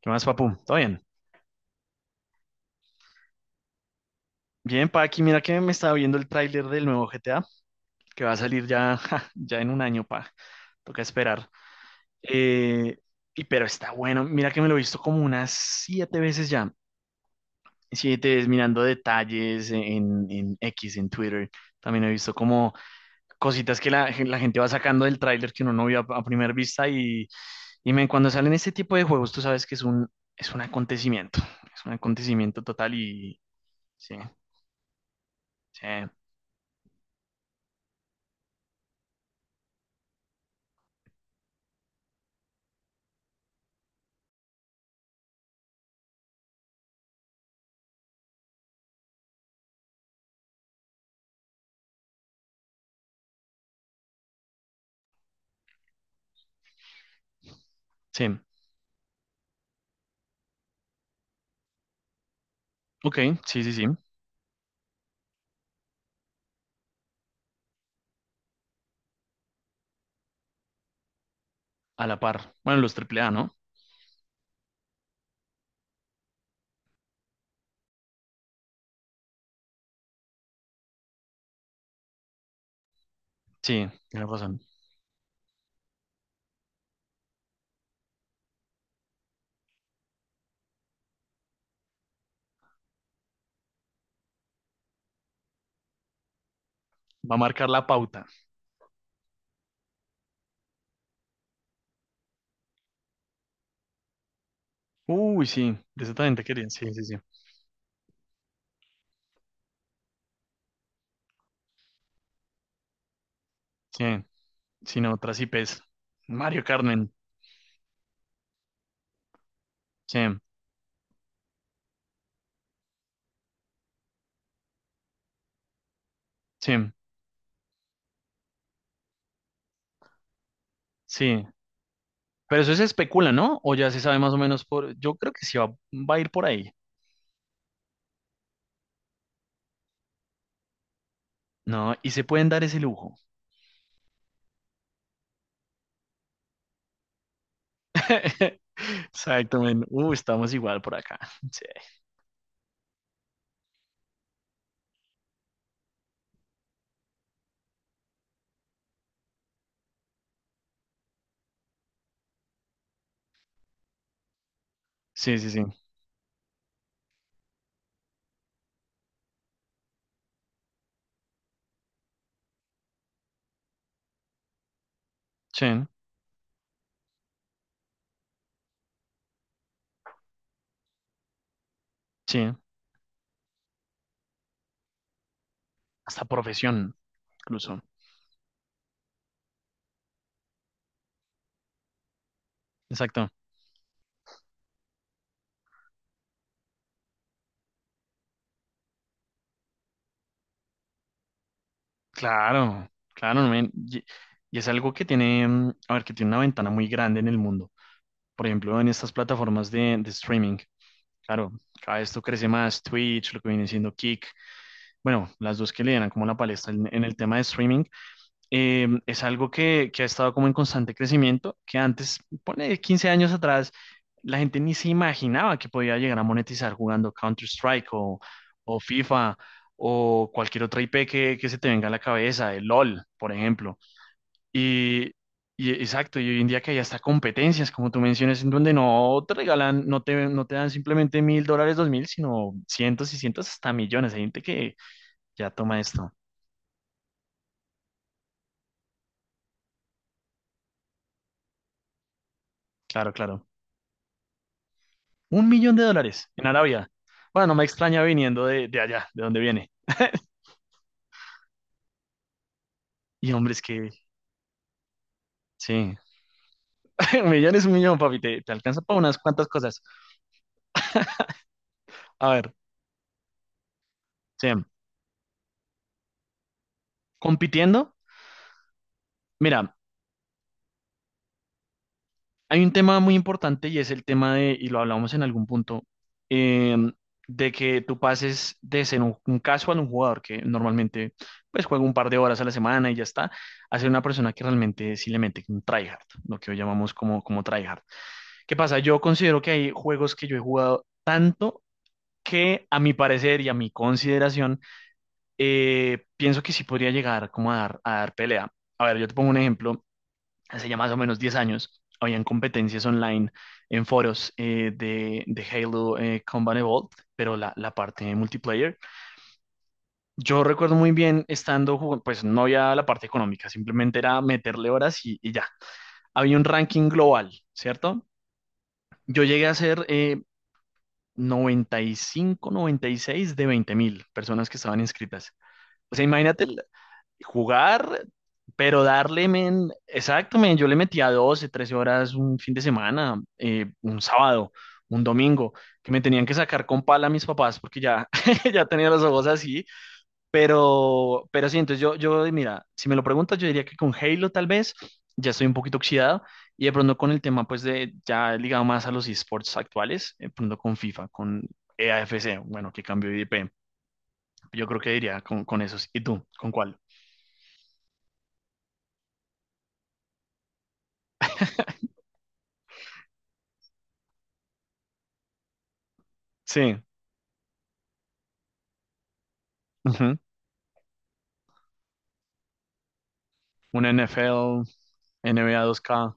¿Qué más, papu? ¿Todo bien? Bien, pa, aquí mira que me estaba viendo el tráiler del nuevo GTA, que va a salir ya, ja, ya en un año, pa. Toca esperar. Eh, y pero está bueno, mira que me lo he visto como unas siete veces ya. Siete veces mirando detalles en X, en Twitter. También he visto como cositas que la gente va sacando del tráiler que uno no vio a primera vista. Y men, cuando salen este tipo de juegos, tú sabes que es es un acontecimiento. Es un acontecimiento total y sí, sí, sí. Ok, sí, sí, sí. A la par. Bueno, los AAA, ¿no? Sí, tienes razón. Va a marcar la pauta. Uy, sí, de eso también te quería. Sí, sí, sí. Sí, sí, no, otras IPs. Mario Carmen. Sí, sí, sí. Pero eso se especula, ¿no? O ya se sabe más o menos por. Yo creo que sí va a ir por ahí. No, y se pueden dar ese lujo. Exactamente. Estamos igual por acá. Sí, sí, sí, sí. Sí, sí. Hasta profesión, incluso. Exacto. Claro, claro, men, y es algo que tiene, a ver, que tiene una ventana muy grande en el mundo. Por ejemplo, en estas plataformas de streaming. Claro, cada vez esto crece más, Twitch, lo que viene siendo Kick. Bueno, las dos que le dan como la palestra en el tema de streaming, es algo que ha estado como en constante crecimiento, que antes, pone 15 años atrás, la gente ni se imaginaba que podía llegar a monetizar jugando Counter-Strike o FIFA o cualquier otra IP que se te venga a la cabeza, el LOL, por ejemplo. Y, y exacto, y hoy en día que hay hasta competencias, como tú mencionas, en donde no te regalan, no te dan simplemente mil dólares, dos mil, sino cientos y cientos hasta millones. Hay gente que ya toma esto. Claro, claro. Un millón de dólares en Arabia. Bueno, no me extraña viniendo de allá, de donde viene. Y hombre, es que sí, un millón es un millón, papi, te alcanza para unas cuantas cosas. A ver, Sam, compitiendo, mira, hay un tema muy importante y es el tema de, y lo hablamos en algún punto, eh, de que tú pases de ser un casual, un jugador que normalmente pues juega un par de horas a la semana y ya está, a ser una persona que realmente sí le mete un tryhard, lo que hoy llamamos como, como tryhard. ¿Qué pasa? Yo considero que hay juegos que yo he jugado tanto que a mi parecer y a mi consideración, pienso que sí podría llegar como a dar pelea. A ver, yo te pongo un ejemplo. Hace ya más o menos 10 años, habían competencias online en foros, de Halo, Combat Evolved, pero la parte de multiplayer. Yo recuerdo muy bien estando, jugando, pues no había la parte económica, simplemente era meterle horas y ya. Había un ranking global, ¿cierto? Yo llegué a ser 90 95 96 de 20.000 personas que estaban inscritas. O sea, imagínate jugar, pero darle, men, exacto, men, yo le metía 12 13 horas un fin de semana, un sábado, un domingo, que me tenían que sacar con pala a mis papás porque ya, ya tenía los ojos así, pero sí, entonces yo, mira, si me lo preguntas, yo diría que con Halo tal vez ya estoy un poquito oxidado y de pronto con el tema pues de ya ligado más a los esports actuales, de pronto con FIFA, con EAFC, bueno, que cambio de IP, yo creo que diría con esos. ¿Y tú? ¿Con cuál? Sí, ujú. Un NFL, NBA 2K,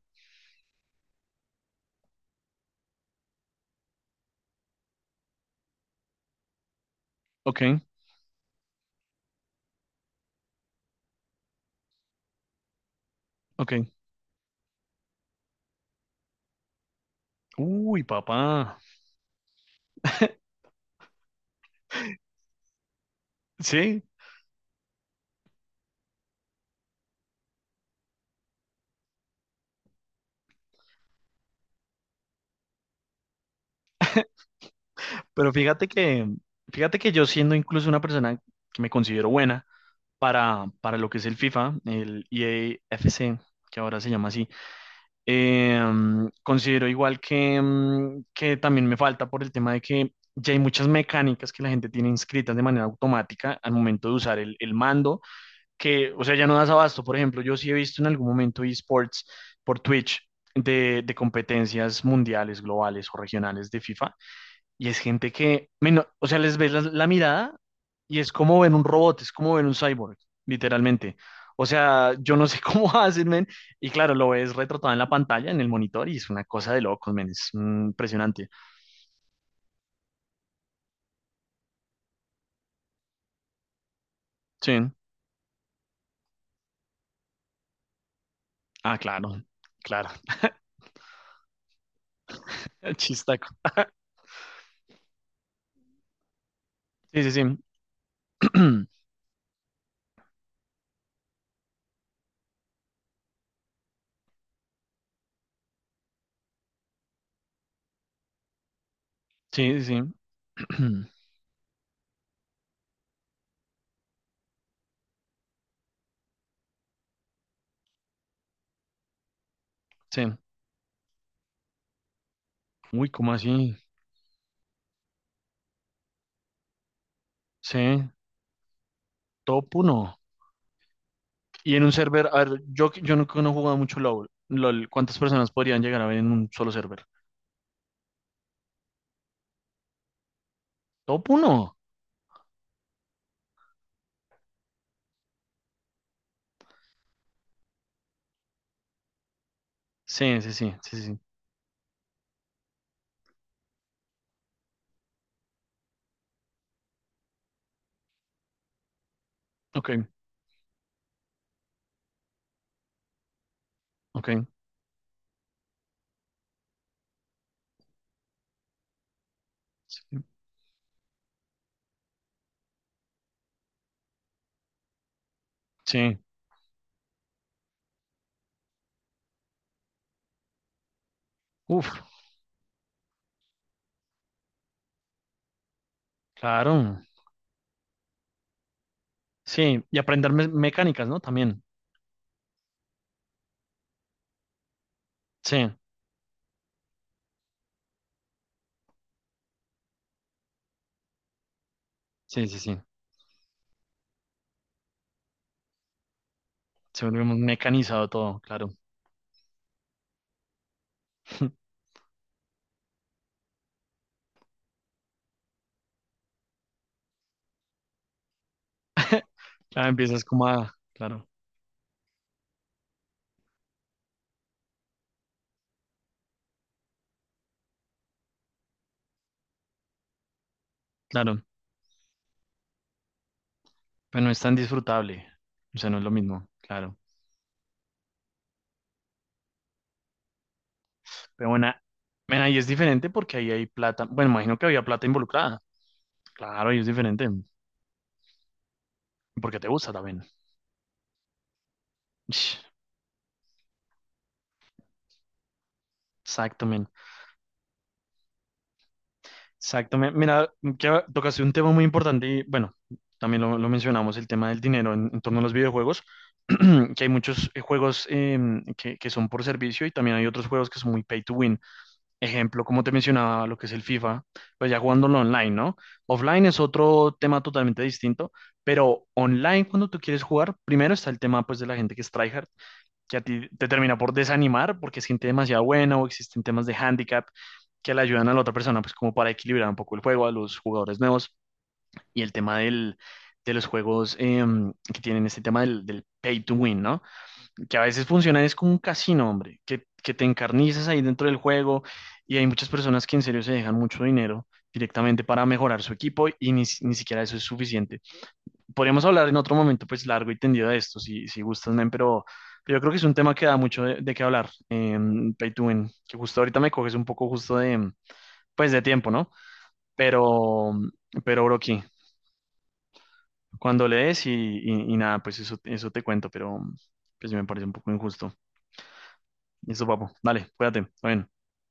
ok, ok. Uy, papá. Sí, pero fíjate que yo siendo incluso una persona que me considero buena, para lo que es el FIFA, el EAFC, que ahora se llama así. Considero igual que, que también me falta por el tema de que ya hay muchas mecánicas que la gente tiene inscritas de manera automática al momento de usar el mando, que, o sea, ya no das abasto. Por ejemplo, yo sí he visto en algún momento esports por Twitch. De competencias mundiales, globales o regionales de FIFA, y es gente que, men, o sea, les ves la mirada y es como ven un robot, es como ven un cyborg, literalmente. O sea, yo no sé cómo hacen, men. Y claro, lo ves retratado en la pantalla, en el monitor, y es una cosa de locos, men. Es impresionante. Sí. Ah, claro, claro. Chistaco. Sí, sí, sí. Sí, sí, sí. Sí. Uy, ¿cómo así? Sí, top uno. Y en un server, a ver, yo, no he jugado mucho LOL. LOL, ¿cuántas personas podrían llegar a ver en un solo server? Top uno. Sí, sí, sí, sí, sí. Ok, ok. Sí, sí. Uf, claro. Sí, y aprender mecánicas, ¿no? También. Sí, sí, sí, sí. Se vuelve muy mecanizado todo, claro. Claro, empiezas como a. Claro, claro. Pero no es tan disfrutable. O sea, no es lo mismo, claro. Pero bueno, bueno, ahí es diferente porque ahí hay plata. Bueno, imagino que había plata involucrada. Claro, ahí es diferente. Porque te gusta también. Ish, exacto, men. Exactamente. Mira, que tocaste un tema muy importante y bueno, también lo mencionamos, el tema del dinero en torno a los videojuegos, que hay muchos juegos, que son por servicio y también hay otros juegos que son muy pay to win. Ejemplo, como te mencionaba, lo que es el FIFA, pues ya jugándolo online, ¿no? Offline es otro tema totalmente distinto, pero online cuando tú quieres jugar, primero está el tema pues de la gente que es tryhard, que a ti te termina por desanimar porque es gente demasiado buena o existen temas de handicap que le ayudan a la otra persona, pues como para equilibrar un poco el juego a los jugadores nuevos y el tema del, de los juegos, que tienen este tema del, pay to win, ¿no? Que a veces funciona es como un casino, hombre, que te encarnizas ahí dentro del juego y hay muchas personas que en serio se dejan mucho dinero directamente para mejorar su equipo y ni siquiera eso es suficiente. Podríamos hablar en otro momento, pues largo y tendido de esto, si gustas, men, pero yo creo que es un tema que da mucho de qué hablar, Pay to Win, que justo ahorita me coges un poco justo de, pues de tiempo, ¿no? Pero, pero Broki, cuando lees y nada, pues eso, te cuento, pero pues me parece un poco injusto. Listo, papo, dale, cuídate, está bien.